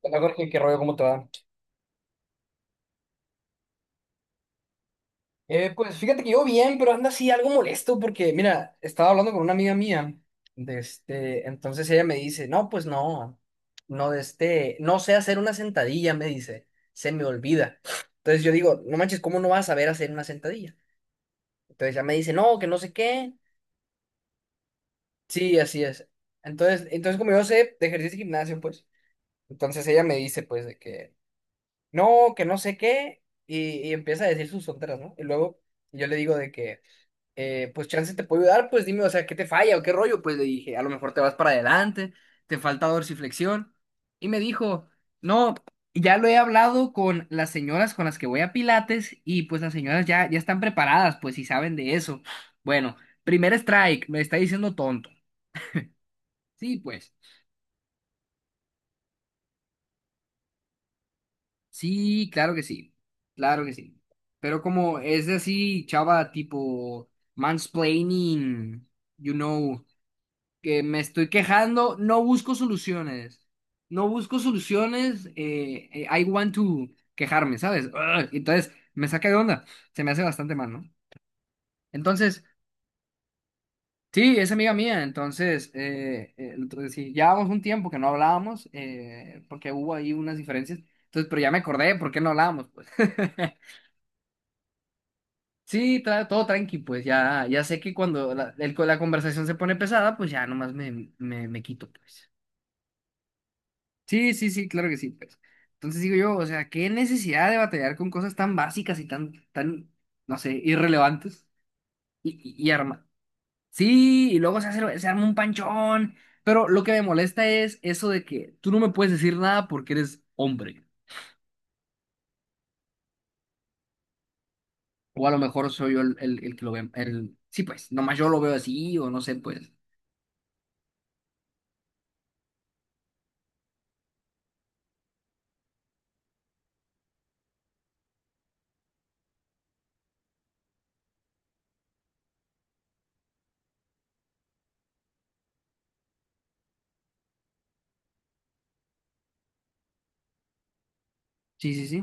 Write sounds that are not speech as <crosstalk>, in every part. Hola Jorge, qué rollo, ¿cómo te va? Pues fíjate que yo bien, pero anda así algo molesto porque, mira, estaba hablando con una amiga mía, de este, entonces ella me dice, no, pues no, no de este, no sé hacer una sentadilla, me dice, se me olvida. Entonces yo digo, no manches, ¿cómo no vas a saber hacer una sentadilla? Entonces ella me dice, no, que no sé qué. Sí, así es. Entonces como yo sé de ejercicio y gimnasio, pues, entonces ella me dice, pues, de que no sé qué, y empieza a decir sus tonteras, ¿no? Y luego yo le digo de que... pues chance te puedo ayudar, pues dime, o sea, ¿qué te falla o qué rollo? Pues le dije, a lo mejor te vas para adelante, te falta dorsiflexión. Y me dijo, no, ya lo he hablado con las señoras con las que voy a Pilates y pues las señoras ya, ya están preparadas, pues si saben de eso. Bueno, primer strike, me está diciendo tonto. Sí, pues, sí, claro que sí, claro que sí. Pero como es de así, chava, tipo mansplaining, you know. Que me estoy quejando, no busco soluciones. No busco soluciones, I want to quejarme, ¿sabes? Ugh, entonces, me saca de onda. Se me hace bastante mal, ¿no? Entonces, sí, es amiga mía. Entonces sí, llevábamos un tiempo que no hablábamos, porque hubo ahí unas diferencias. Entonces, pero ya me acordé por qué no hablábamos, pues. <laughs> Sí, todo tranqui, pues ya, ya sé que cuando la conversación se pone pesada, pues ya nomás me quito, pues. Sí, sí, sí, claro que sí, pues. Entonces digo yo, o sea, qué necesidad de batallar con cosas tan básicas y tan, tan, no sé, irrelevantes y, y arma. Sí, y luego se hace, se arma un panchón. Pero lo que me molesta es eso de que tú no me puedes decir nada porque eres hombre. O a lo mejor soy yo el que lo ve, el, sí, pues, nomás yo lo veo así, o no sé, pues. Sí, sí, sí,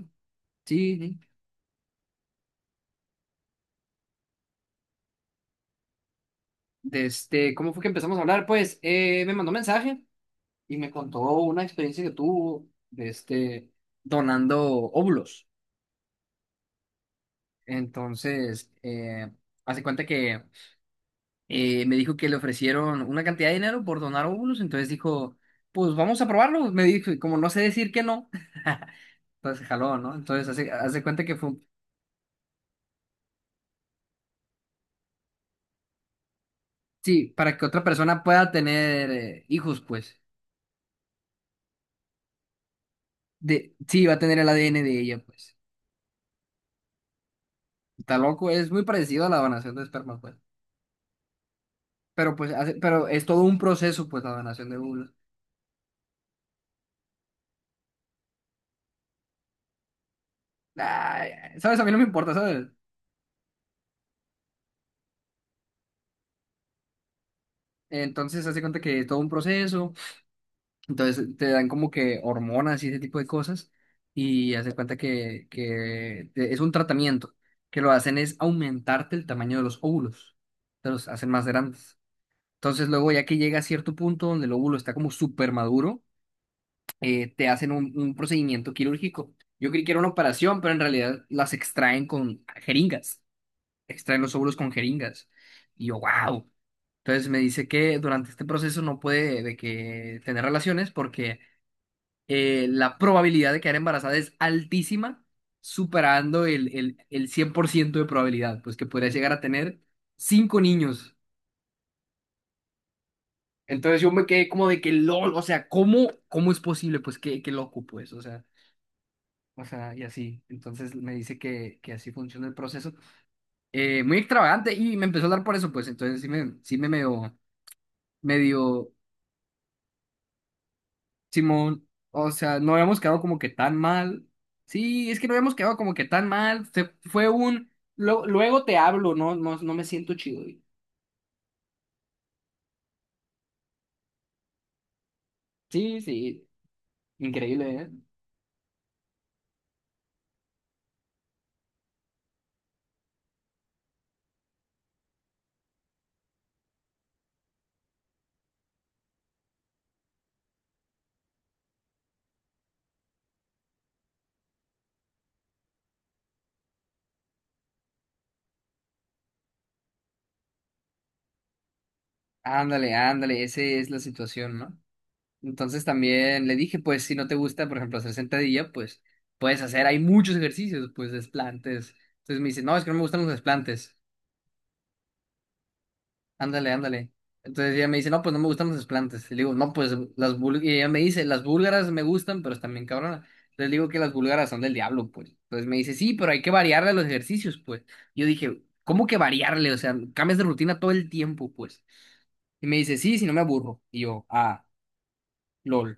sí, sí. De este, ¿cómo fue que empezamos a hablar? Pues, me mandó mensaje. Y me contó una experiencia que tuvo de este donando óvulos. Entonces, hace cuenta que me dijo que le ofrecieron una cantidad de dinero por donar óvulos, entonces dijo, pues vamos a probarlo. Me dijo, y como no sé decir que no, <laughs> entonces jaló, ¿no? Entonces, hace cuenta que fue, un- sí, para que otra persona pueda tener hijos, pues, de, sí, va a tener el ADN de ella, pues. Está loco, es muy parecido a la donación de esperma, pues. Pero pues, hace- pero es todo un proceso, pues, la donación de óvulos. Ay, ¿sabes? A mí no me importa, ¿sabes? Entonces, hace cuenta que es todo un proceso. Entonces, te dan como que hormonas y ese tipo de cosas. Y hace cuenta que te- es un tratamiento. Que lo hacen es aumentarte el tamaño de los óvulos. Te los hacen más grandes. Entonces, luego, ya que llega a cierto punto donde el óvulo está como súper maduro, te hacen un procedimiento quirúrgico. Yo creí que era una operación, pero en realidad las extraen con jeringas. Extraen los óvulos con jeringas. Y yo, wow. Entonces me dice que durante este proceso no puede de que tener relaciones porque la probabilidad de quedar embarazada es altísima, superando el 100% de probabilidad, pues que podría llegar a tener cinco niños. Entonces yo me quedé como de que LOL, o sea, ¿cómo es posible? Pues qué loco, pues, o sea, y así. Entonces me dice que así funciona el proceso. Muy extravagante y me empezó a hablar por eso, pues entonces sí me medio, medio Simón, o sea, no habíamos quedado como que tan mal. Sí, es que no habíamos quedado como que tan mal. Se, fue un... lo- luego te hablo, no, no, no me siento chido, güey. Sí, sí, increíble, ¿eh? Ándale, ándale, esa es la situación, ¿no? Entonces también le dije, pues si no te gusta, por ejemplo, hacer sentadilla, pues puedes hacer, hay muchos ejercicios, pues desplantes. Entonces me dice, no, es que no me gustan los desplantes. Ándale, ándale. Entonces ella me dice, no, pues no me gustan los desplantes. Y le digo, no, pues las búlgaras. Y ella me dice, las búlgaras me gustan, pero están bien cabronas. Les digo que las búlgaras son del diablo, pues. Entonces me dice, sí, pero hay que variarle a los ejercicios, pues. Yo dije, ¿cómo que variarle? O sea, cambias de rutina todo el tiempo, pues. Y me dice, sí, si no me aburro. Y yo, ah, lol.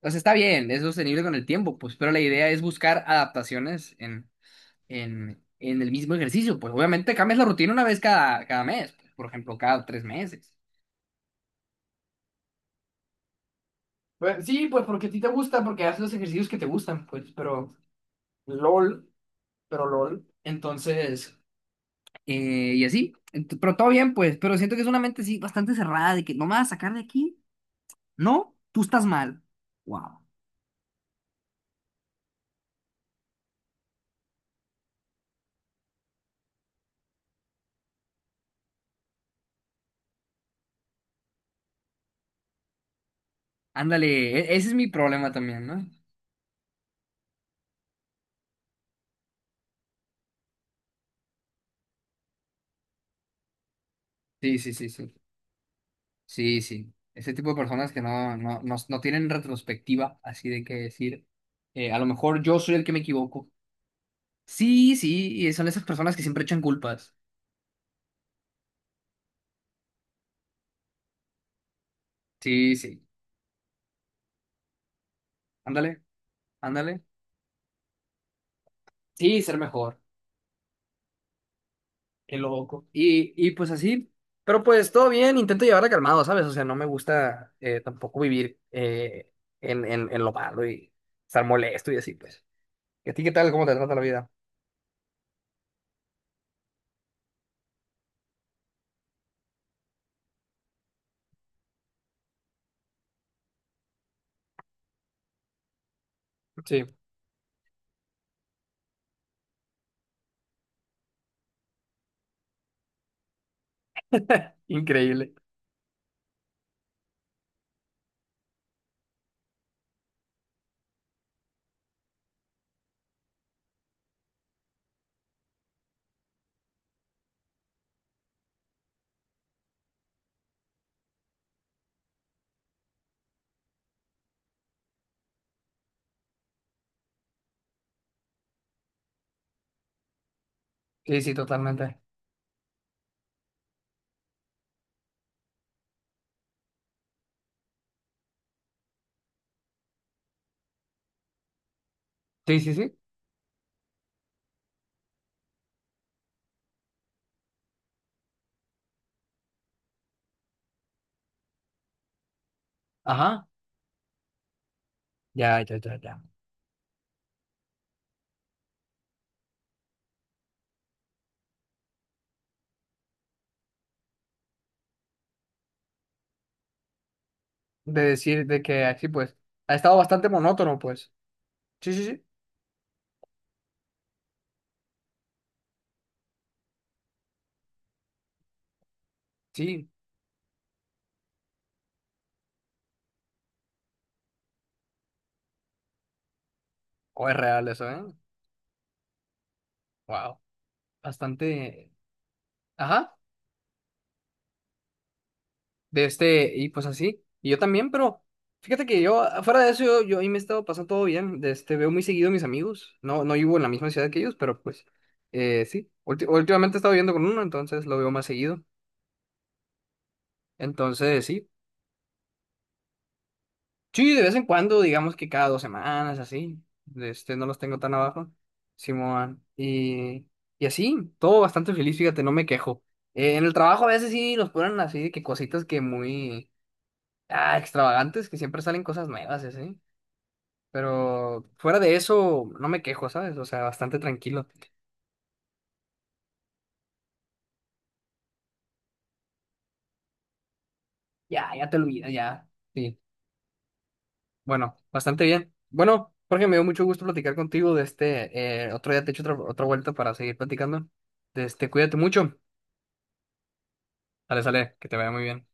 Entonces está bien, es sostenible con el tiempo, pues. Pero la idea es buscar adaptaciones en, en el mismo ejercicio, pues. Obviamente cambias la rutina una vez cada, cada mes, pues, por ejemplo, cada 3 meses. Pues, sí, pues porque a ti te gusta, porque haces los ejercicios que te gustan, pues, pero LOL, pero LOL. Entonces, y así, Ent- pero todo bien, pues, pero siento que es una mente, sí, bastante cerrada, de que no me vas a sacar de aquí, no, tú estás mal. Wow. Ándale, e- ese es mi problema también, ¿no? Sí, sí, sí, sí. Sí, sí. Ese tipo de personas que no tienen retrospectiva, así de que decir, a lo mejor yo soy el que me equivoco. Sí, sí, y son esas personas que siempre echan culpas. Sí, sí. Ándale. Ándale. Sí, ser mejor. Qué loco. Y pues así, pero pues todo bien, intento llevarla calmado, ¿sabes? O sea, no me gusta tampoco vivir en, en lo malo y estar molesto y así, pues. ¿Y a ti qué tal? ¿Cómo te trata la vida? Sí, increíble. Sí, sí, totalmente. Sí, sí, sí. Ajá. Ya, ya, ya, ya. De decir de que así, pues, ha estado bastante monótono, pues. Sí, sí, sí. Sí, o es real eso, ¿eh? Wow. Bastante. Ajá. De este, y pues así. Y yo también, pero fíjate que yo, fuera de eso, yo ahí me he estado pasando todo bien. De este, veo muy seguido a mis amigos. No, no vivo en la misma ciudad que ellos, pero pues sí. Ulti- últimamente he estado viviendo con uno, entonces lo veo más seguido. Entonces, sí. Sí, de vez en cuando, digamos que cada 2 semanas, así. De este, no los tengo tan abajo. Simón. Y así, todo bastante feliz, fíjate, no me quejo. En el trabajo a veces sí nos ponen así, de que cositas que muy ah, extravagantes, que siempre salen cosas nuevas, y así. Pero fuera de eso, no me quejo, ¿sabes? O sea, bastante tranquilo. Ya, ya te olvidas, ya. Sí. Bueno, bastante bien. Bueno, Jorge, me dio mucho gusto platicar contigo de este. Otro día te echo otra vuelta para seguir platicando. De este, cuídate mucho. Sale, sale, que te vaya muy bien.